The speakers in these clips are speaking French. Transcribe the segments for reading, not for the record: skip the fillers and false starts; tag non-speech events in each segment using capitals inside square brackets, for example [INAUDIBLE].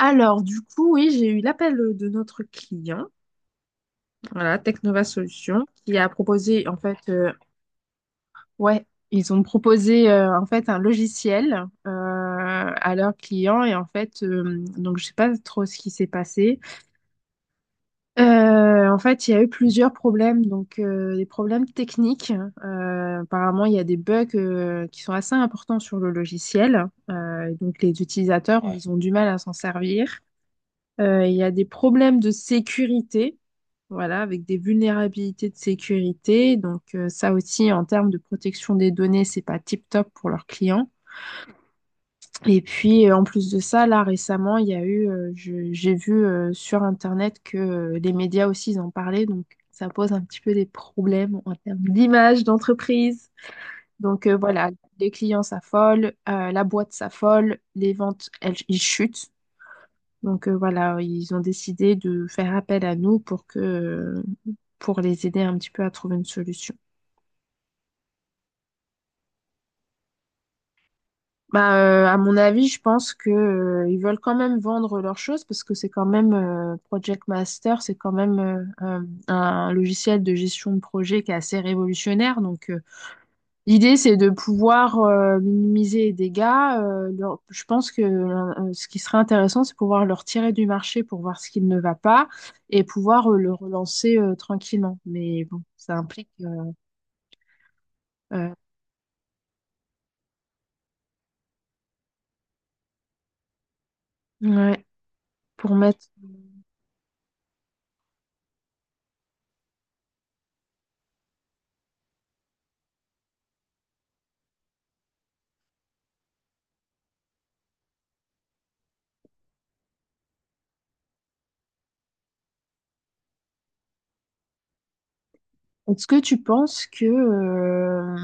Alors, du coup, oui, j'ai eu l'appel de notre client, voilà, Technova Solutions, qui a proposé, en fait, ouais, ils ont proposé, en fait, un logiciel à leurs clients. Et en fait, donc, je sais pas trop ce qui s'est passé. En fait, il y a eu plusieurs problèmes, donc des problèmes techniques. Apparemment, il y a des bugs qui sont assez importants sur le logiciel. Et donc, les utilisateurs, ouais, ils ont du mal à s'en servir. Il y a des problèmes de sécurité, voilà, avec des vulnérabilités de sécurité. Donc ça aussi, en termes de protection des données, c'est pas tip-top pour leurs clients. Et puis en plus de ça, là récemment, il y a eu, j'ai vu sur Internet que les médias aussi ils en parlaient, donc ça pose un petit peu des problèmes en termes d'image d'entreprise. Donc voilà, les clients s'affolent, la boîte s'affole, les ventes, elles, ils chutent. Donc voilà, ils ont décidé de faire appel à nous pour que, pour les aider un petit peu à trouver une solution. Bah, à mon avis, je pense que, ils veulent quand même vendre leurs choses parce que c'est quand même Project Master, c'est quand même un logiciel de gestion de projet qui est assez révolutionnaire. Donc, l'idée, c'est de pouvoir minimiser les dégâts. Je pense que ce qui serait intéressant, c'est pouvoir le retirer du marché pour voir ce qui ne va pas et pouvoir le relancer tranquillement. Mais bon, ça implique... euh, ouais, pour mettre... Est-ce que tu penses que...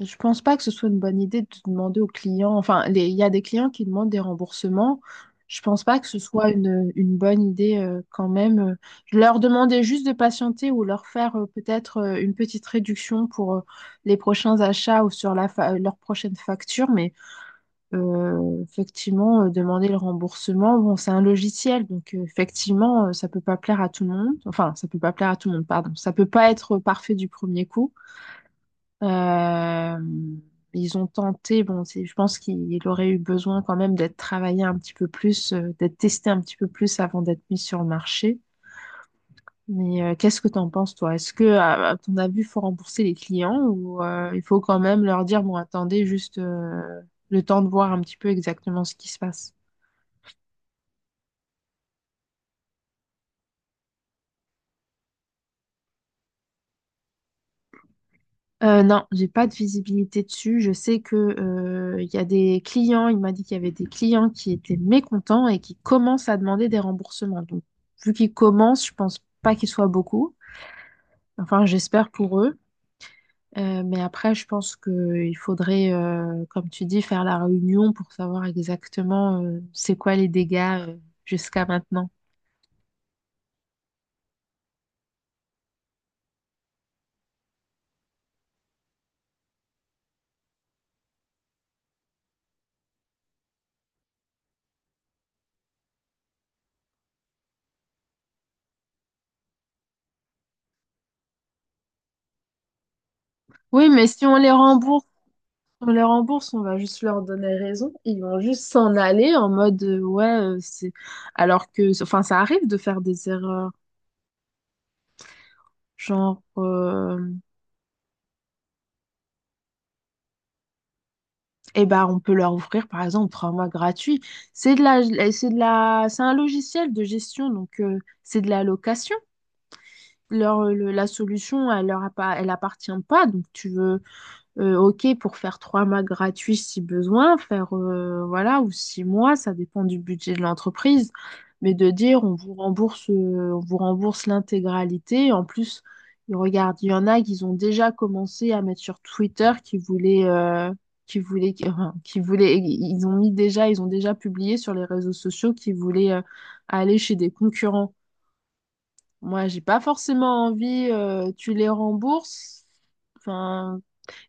Je pense pas que ce soit une bonne idée de demander aux clients. Enfin, il y a des clients qui demandent des remboursements. Je pense pas que ce soit une bonne idée quand même. Je leur demander juste de patienter ou leur faire peut-être une petite réduction pour les prochains achats ou sur la leur prochaine facture. Mais effectivement, demander le remboursement, bon, c'est un logiciel, donc effectivement, ça peut pas plaire à tout le monde. Enfin, ça peut pas plaire à tout le monde, pardon. Ça peut pas être parfait du premier coup. Euh, Ils ont tenté, bon, c'est- je pense qu'il aurait eu besoin quand même d'être travaillé un petit peu plus, d'être testé un petit peu plus avant d'être mis sur le marché. Mais qu'est-ce que t'en penses, toi? Est-ce que, à ton avis, il faut rembourser les clients ou il faut quand même leur dire, bon, attendez juste le temps de voir un petit peu exactement ce qui se passe? Non, j'ai pas de visibilité dessus. Je sais que il y a des clients, il m'a dit qu'il y avait des clients qui étaient mécontents et qui commencent à demander des remboursements. Donc, vu qu'ils commencent, je pense pas qu'ils soient beaucoup. Enfin, j'espère pour eux. Mais après, je pense qu'il faudrait, comme tu dis, faire la réunion pour savoir exactement c'est quoi les dégâts jusqu'à maintenant. Oui, mais si on les rembourse. On les rembourse, on va juste leur donner raison. Ils vont juste s'en aller en mode ouais, c'est. Alors que, enfin, ça arrive de faire des erreurs. Genre, eh ben, on peut leur offrir par exemple trois mois gratuits. C'est de la, c'est un logiciel de gestion, donc c'est de la location. La solution, elle elle appartient pas. Donc tu veux. Ok, pour faire trois mois gratuits si besoin, faire voilà, ou six mois, ça dépend du budget de l'entreprise. Mais de dire on vous rembourse l'intégralité. En plus, ils regardent, il y en a qui ont déjà commencé à mettre sur Twitter qui voulaient, qui voulaient, ils ont mis déjà, ils ont déjà publié sur les réseaux sociaux qu'ils voulaient aller chez des concurrents. Moi, j'ai pas forcément envie, tu les rembourses. Enfin,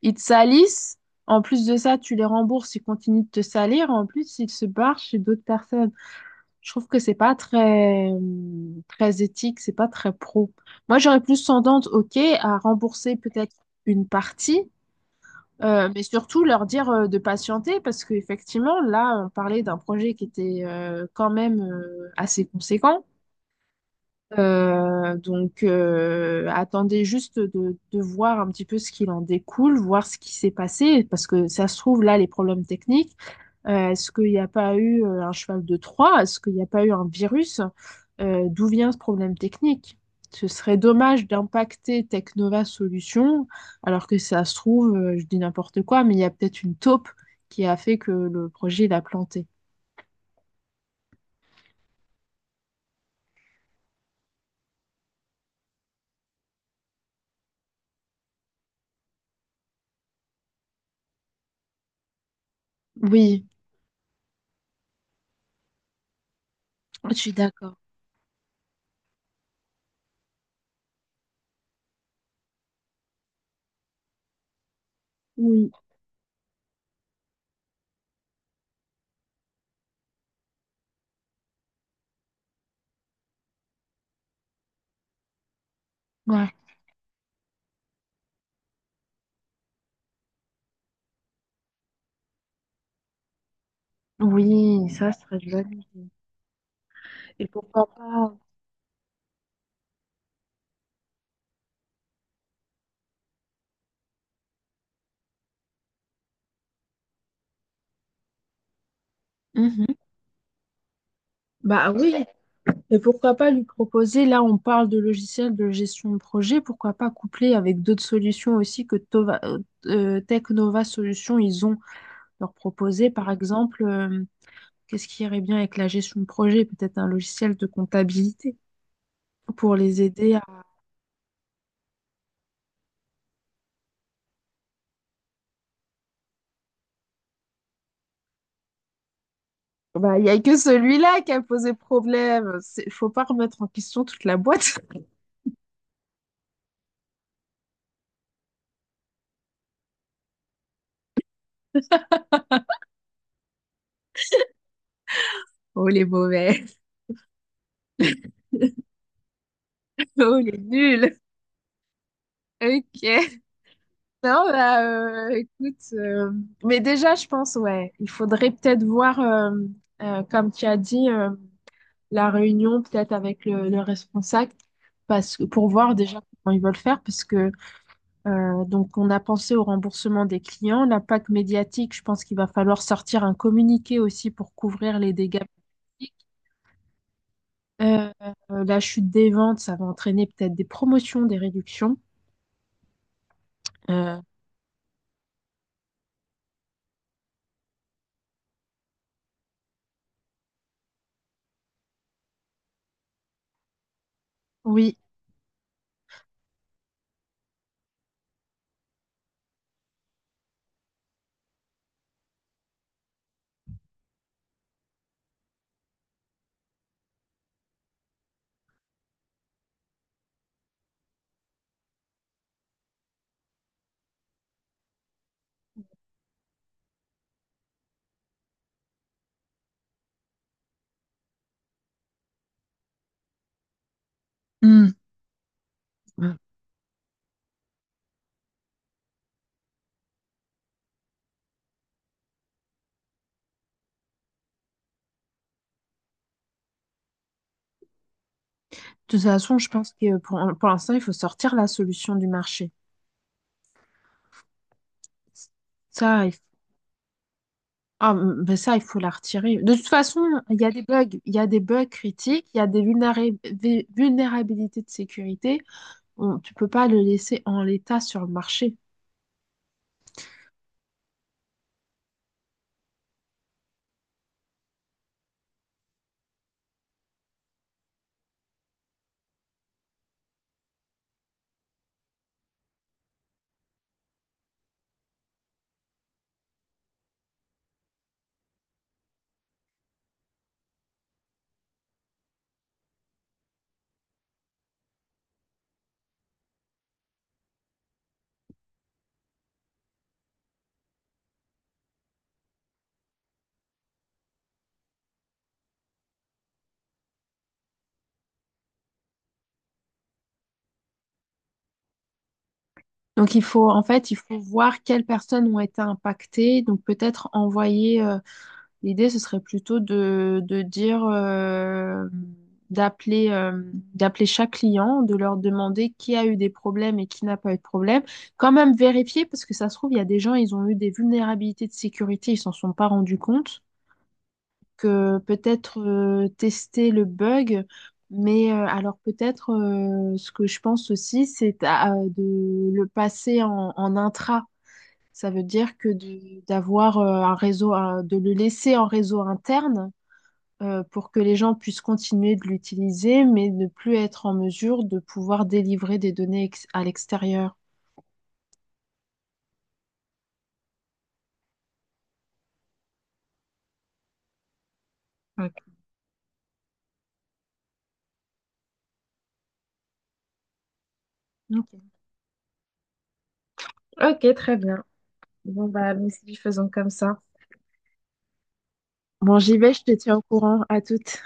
ils te salissent. En plus de ça, tu les rembourses, ils continuent de te salir. En plus, ils se barrent chez d'autres personnes. Je trouve que c'est pas très, très éthique, c'est pas très pro. Moi, j'aurais plus tendance, OK, à rembourser peut-être une partie, mais surtout leur dire de patienter parce qu'effectivement, là, on parlait d'un projet qui était quand même assez conséquent. Donc, attendez juste de voir un petit peu ce qu'il en découle, voir ce qui s'est passé, parce que ça se trouve, là, les problèmes techniques, est-ce qu'il n'y a pas eu un cheval de Troie? Est-ce qu'il n'y a pas eu un virus? D'où vient ce problème technique? Ce serait dommage d'impacter Technova Solutions, alors que ça se trouve, je dis n'importe quoi, mais il y a peut-être une taupe qui a fait que le projet, il a planté. Oui, je suis d'accord. Oui, ouais. Oui, ça serait bien. Bah oui, et pourquoi pas lui proposer, là on parle de logiciels de gestion de projet, pourquoi pas coupler avec d'autres solutions aussi que Technova Solutions, ils ont leur proposé, par exemple, qu'est-ce qui irait bien avec la gestion de projet, peut-être un logiciel de comptabilité pour les aider à... Bah, il n'y a que celui-là qui a posé problème. C'est- Faut pas remettre en question toute la boîte. [LAUGHS] Oh les mauvais, [LAUGHS] oh les nuls. Ok. Non, bah, écoute, mais déjà, je pense, ouais, il faudrait peut-être voir, comme tu as dit, la réunion peut-être avec le responsable, parce que pour voir déjà comment ils veulent faire, parce que donc on a pensé au remboursement des clients, l'impact médiatique, je pense qu'il va falloir sortir un communiqué aussi pour couvrir les dégâts. Médiatiques. Euh, la chute des ventes, ça va entraîner peut-être des promotions, des réductions. Euh, oui. Hmm. De toute façon, je pense que pour l'instant, il faut sortir la solution du marché. Ça, il ah, ben ça, il faut la retirer. De toute façon, il y a des bugs, il y a des bugs critiques, il y a des vulnérabilités de sécurité. On- tu peux pas le laisser en l'état sur le marché. Donc, il faut, en fait, il faut voir quelles personnes ont été impactées. Donc, peut-être envoyer, l'idée, ce serait plutôt de dire, d'appeler, euh, d'appeler chaque client, de leur demander qui a eu des problèmes et qui n'a pas eu de problème. Quand même vérifier, parce que ça se trouve, il y a des gens, ils ont eu des vulnérabilités de sécurité, ils s'en sont pas rendus compte. Que peut-être tester le bug, mais alors peut-être ce que je pense aussi, de le passer en intra. Ça veut dire que d'avoir un réseau, un- de le laisser en réseau interne pour que les gens puissent continuer de l'utiliser, mais ne plus être en mesure de pouvoir délivrer des données à l'extérieur. Ok, ok. Ok, très bien. Bon, bah, nous faisons comme ça. Bon, j'y vais, je te tiens au courant. À toutes.